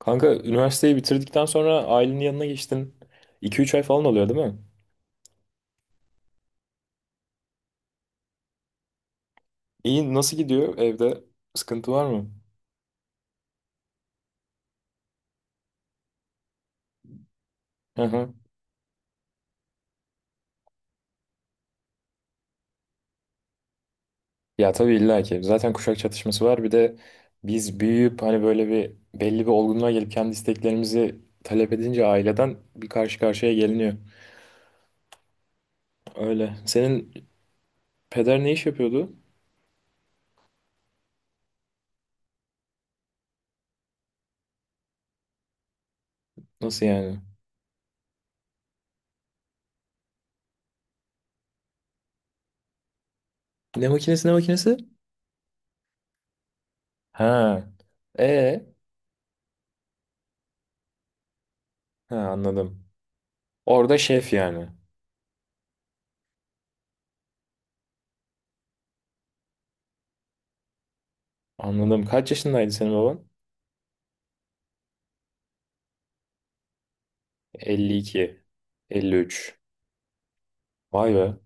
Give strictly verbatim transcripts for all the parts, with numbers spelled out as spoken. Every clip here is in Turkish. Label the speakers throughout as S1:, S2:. S1: Kanka üniversiteyi bitirdikten sonra ailenin yanına geçtin. iki üç ay falan oluyor, değil mi? İyi, nasıl gidiyor evde? Sıkıntı var mı? Hı hı. Ya, tabii illa ki. Zaten kuşak çatışması var. Bir de biz büyüyüp hani böyle bir belli bir olgunluğa gelip kendi isteklerimizi talep edince aileden bir karşı karşıya geliniyor. Öyle. Senin peder ne iş yapıyordu? Nasıl yani? Ne makinesi, ne makinesi? Ha. E. Ha, anladım. Orada şef yani. Anladım. Kaç yaşındaydı senin baban? elli iki, elli üç. Vay be.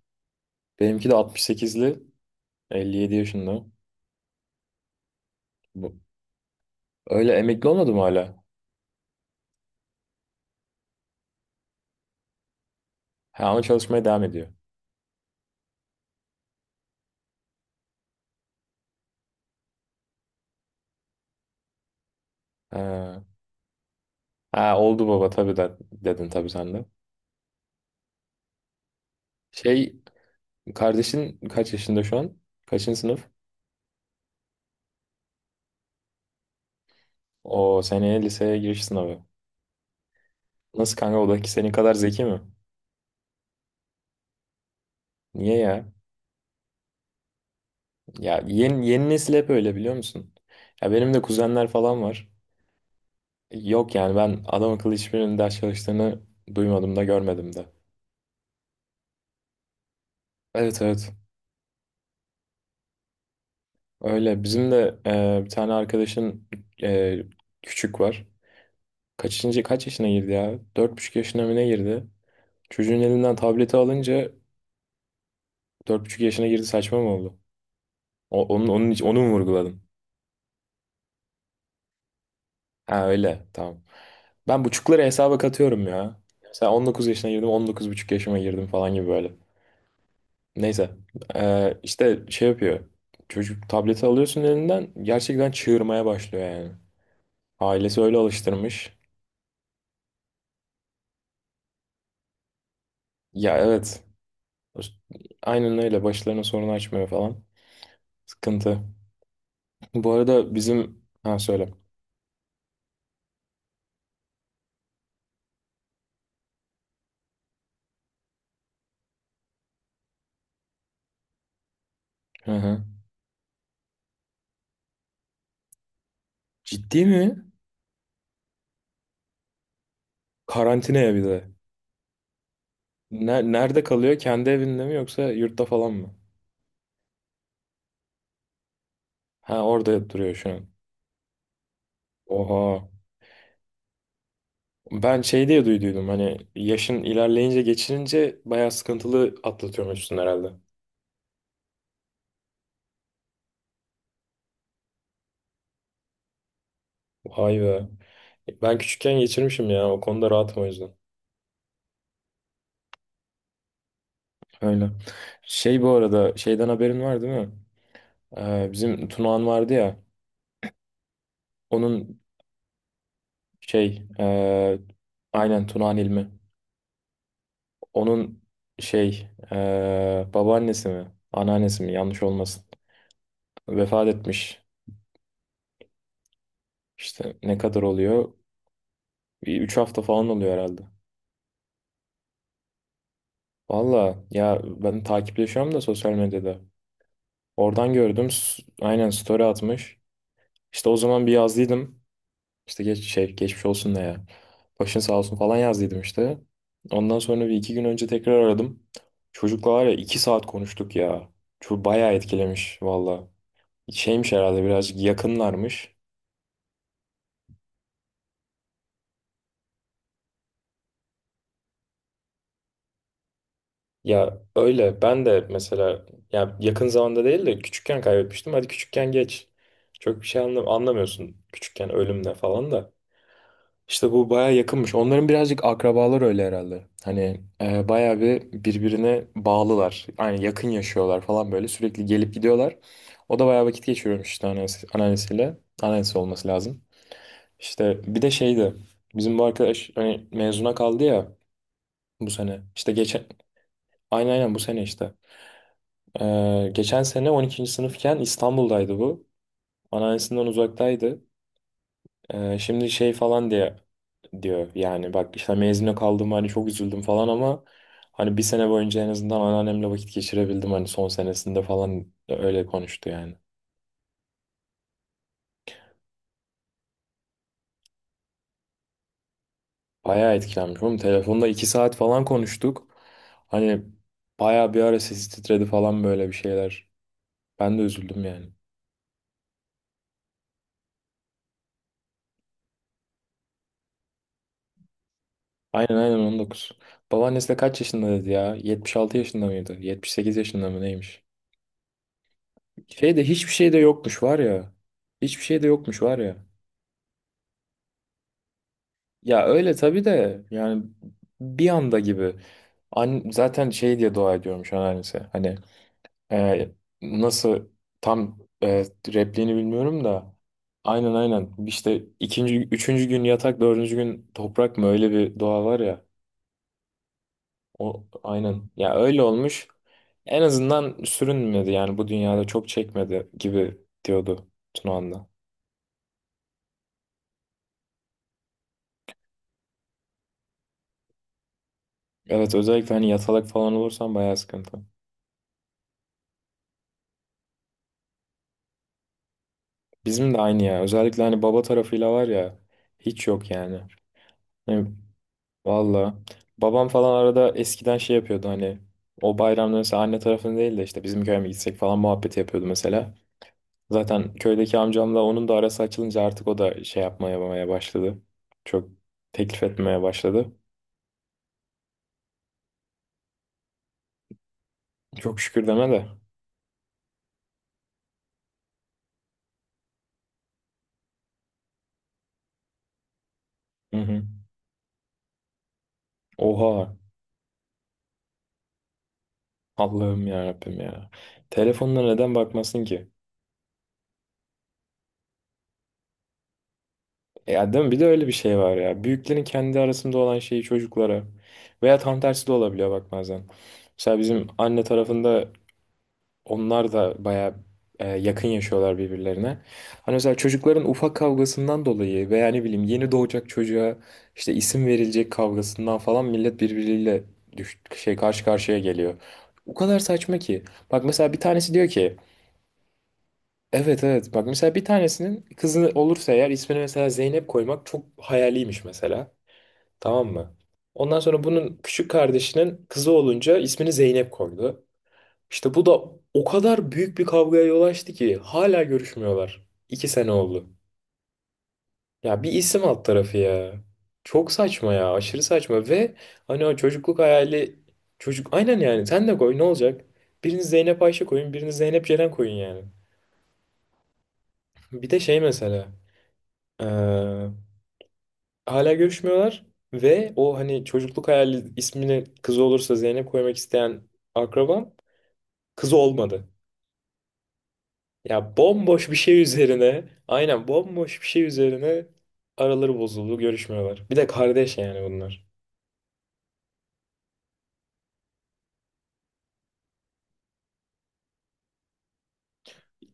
S1: Benimki de altmış sekizli, elli yedi yaşında. Bu. Öyle emekli olmadı mı hala? Ha, ama çalışmaya devam ediyor. Ha, ha oldu baba, tabii de, dedin tabii sen de. Şey, kardeşin kaç yaşında şu an? Kaçıncı sınıf? O seneye liseye giriş sınavı. Nasıl kanka, o da ki senin kadar zeki mi? Niye ya? Ya yeni, yeni nesil hep öyle, biliyor musun? Ya benim de kuzenler falan var. Yok yani, ben adam akıllı hiçbirinin ders çalıştığını duymadım da görmedim de. Evet, evet, öyle. Bizim de e, bir tane arkadaşın e, küçük var. Kaçıncı kaç yaşına girdi ya? Dört buçuk yaşına mı ne girdi? Çocuğun elinden tableti alınca dört buçuk yaşına girdi, saçma mı oldu? O, onun, onun, için- onu mu vurguladın? Ha, öyle tamam. Ben buçukları hesaba katıyorum ya. Mesela on dokuz yaşına girdim, on dokuz buçuk yaşıma girdim falan gibi böyle. Neyse, e, işte şey yapıyor. Çocuk tableti alıyorsun elinden, gerçekten çığırmaya başlıyor yani. Ailesi öyle alıştırmış. Ya evet, aynen öyle. Başlarına sorun açmıyor falan. Sıkıntı. Bu arada bizim... Ha, söyle. Hı hı. Ciddi mi? Karantinaya bir de. Ne- Nerede kalıyor? Kendi evinde mi, yoksa yurtta falan mı? Ha, orada duruyor şu an. Oha. Ben şey diye duyduydum, hani yaşın ilerleyince geçirince bayağı sıkıntılı atlatıyormuşsun herhalde. Vay be. Ben küçükken geçirmişim ya, o konuda rahatım o yüzden. Öyle. Şey, bu arada şeyden haberin var değil mi? Ee, bizim Tunağan vardı ya. Onun şey e, aynen Tuna'nın ilmi. Onun şey e, babaannesi mi, anneannesi mi? Yanlış olmasın. Vefat etmiş. İşte ne kadar oluyor? Bir Üç hafta falan oluyor herhalde. Valla ya, ben takipleşiyorum da sosyal medyada. Oradan gördüm. S- Aynen, story atmış. İşte o zaman bir yazdıydım. İşte geç şey, geçmiş olsun ne ya. Başın sağ olsun falan yazdıydım işte. Ondan sonra bir iki gün önce tekrar aradım. Çocukla var ya, iki saat konuştuk ya. Çok bayağı etkilemiş valla. Şeymiş herhalde, birazcık yakınlarmış. Ya öyle, ben de mesela ya, yakın zamanda değil de küçükken kaybetmiştim. Hadi küçükken geç. Çok bir şey anla anlamıyorsun küçükken ölümle falan da. İşte bu baya yakınmış. Onların birazcık akrabalar öyle herhalde. Hani e, baya bir birbirine bağlılar. Yani yakın yaşıyorlar falan böyle. Sürekli gelip gidiyorlar. O da baya vakit geçiriyormuş işte, anneannesi, anneannesiyle. Anneannesi olması lazım. İşte bir de şeydi. Bizim bu arkadaş hani mezuna kaldı ya bu sene. İşte geçen aynen, aynen bu sene işte. E, geçen sene on ikinci sınıfken İstanbul'daydı bu. Anneannesinden uzaktaydı. Ee, şimdi şey falan diye diyor yani, bak işte, hani mezuna kaldım, hani çok üzüldüm falan ama hani bir sene boyunca en azından anneannemle vakit geçirebildim, hani son senesinde falan öyle konuştu yani. Bayağı etkilenmiş oğlum, telefonda iki saat falan konuştuk. Hani bayağı bir ara sesi titredi falan, böyle bir şeyler. Ben de üzüldüm yani. Aynen, aynen on dokuz. Babaannesi de kaç yaşında dedi ya? Yetmiş altı yaşında mıydı, yetmiş sekiz yaşında mı neymiş? Şey de hiçbir şey de yokmuş var ya. Hiçbir şey de yokmuş var ya. Ya öyle tabii de, yani bir anda gibi. An zaten şey diye dua ediyorum şu an annesi. Hani, e, nasıl tam, e, repliğini bilmiyorum da aynen, aynen işte, ikinci üçüncü gün yatak, dördüncü gün toprak mı, öyle bir dua var ya. O aynen ya, öyle olmuş. En azından sürünmedi yani, bu dünyada çok çekmedi gibi diyordu Tunağan'da. Evet, özellikle hani yatalak falan olursam bayağı sıkıntı. Bizim de aynı ya. Özellikle hani baba tarafıyla var ya, hiç yok yani. Yani valla. Babam falan arada eskiden şey yapıyordu, hani o bayramda mesela anne tarafını değil de işte bizim köye mi gitsek falan muhabbeti yapıyordu mesela. Zaten köydeki amcamla onun da arası açılınca artık o da şey yapmaya yapmaya başladı. Çok teklif etmeye başladı. Çok şükür deme de. Hı hı. Oha. Allah'ım ya Rabbim ya. Telefonuna neden bakmasın ki? E, Ya değil mi? Bir de öyle bir şey var ya. Büyüklerin kendi arasında olan şeyi çocuklara veya tam tersi de olabiliyor bak bazen. Mesela bizim anne tarafında onlar da bayağı e, yakın yaşıyorlar birbirlerine. Hani mesela çocukların ufak kavgasından dolayı veya ne bileyim yeni doğacak çocuğa işte isim verilecek kavgasından falan, millet birbiriyle düş şey karşı karşıya geliyor. O kadar saçma ki. Bak mesela bir tanesi diyor ki, evet, evet, bak mesela bir tanesinin kızı olursa eğer ismini mesela Zeynep koymak çok hayaliymiş mesela. Tamam mı? Ondan sonra bunun küçük kardeşinin kızı olunca ismini Zeynep koydu. İşte bu da o kadar büyük bir kavgaya yol açtı ki hala görüşmüyorlar. İki sene oldu. Ya bir isim alt tarafı ya. Çok saçma ya, aşırı saçma ve hani o çocukluk hayali çocuk, aynen yani sen de koy, ne olacak? Biriniz Zeynep Ayşe koyun, biriniz Zeynep Ceren koyun yani. Bir de şey mesela. Hala görüşmüyorlar ve o hani çocukluk hayali, ismini kızı olursa Zeynep koymak isteyen akrabam kızı olmadı. Ya bomboş bir şey üzerine, aynen bomboş bir şey üzerine araları bozuldu, görüşmüyorlar. Bir de kardeş yani bunlar.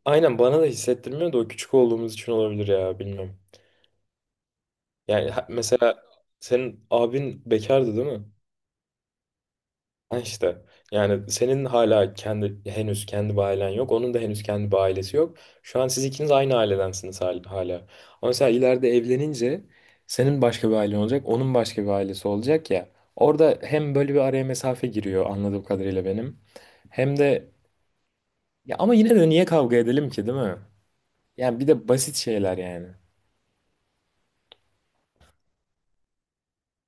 S1: Aynen, bana da hissettirmiyor da o küçük olduğumuz için olabilir ya, bilmiyorum. Yani ha- mesela senin abin bekardı değil mi? Ha işte, yani senin hala kendi henüz kendi bir ailen yok. Onun da henüz kendi bir ailesi yok. Şu an siz ikiniz aynı ailedensiniz hal- hala. Ama mesela ileride evlenince senin başka bir ailen olacak. Onun başka bir ailesi olacak ya. Orada hem böyle bir araya mesafe giriyor anladığım kadarıyla benim. Hem de ya, ama yine de niye kavga edelim ki, değil mi? Yani bir de basit şeyler yani.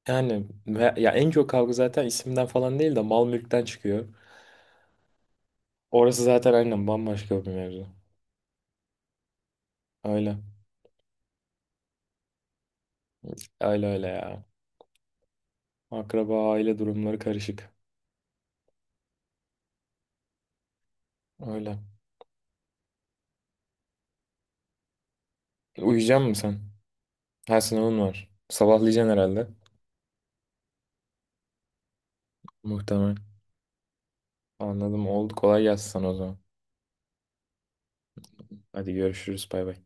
S1: Yani ve- ya en çok kavga zaten isimden falan değil de mal mülkten çıkıyor. Orası zaten aynen bambaşka bir mevzu. Öyle. Öyle öyle ya. Akraba aile durumları karışık. Öyle. Uyuyacak mısın sen? Her sınavın var. Sabahlayacaksın herhalde. Muhtemelen. Anladım. Oldu. Kolay gelsin sana o zaman. Hadi görüşürüz. Bay bay.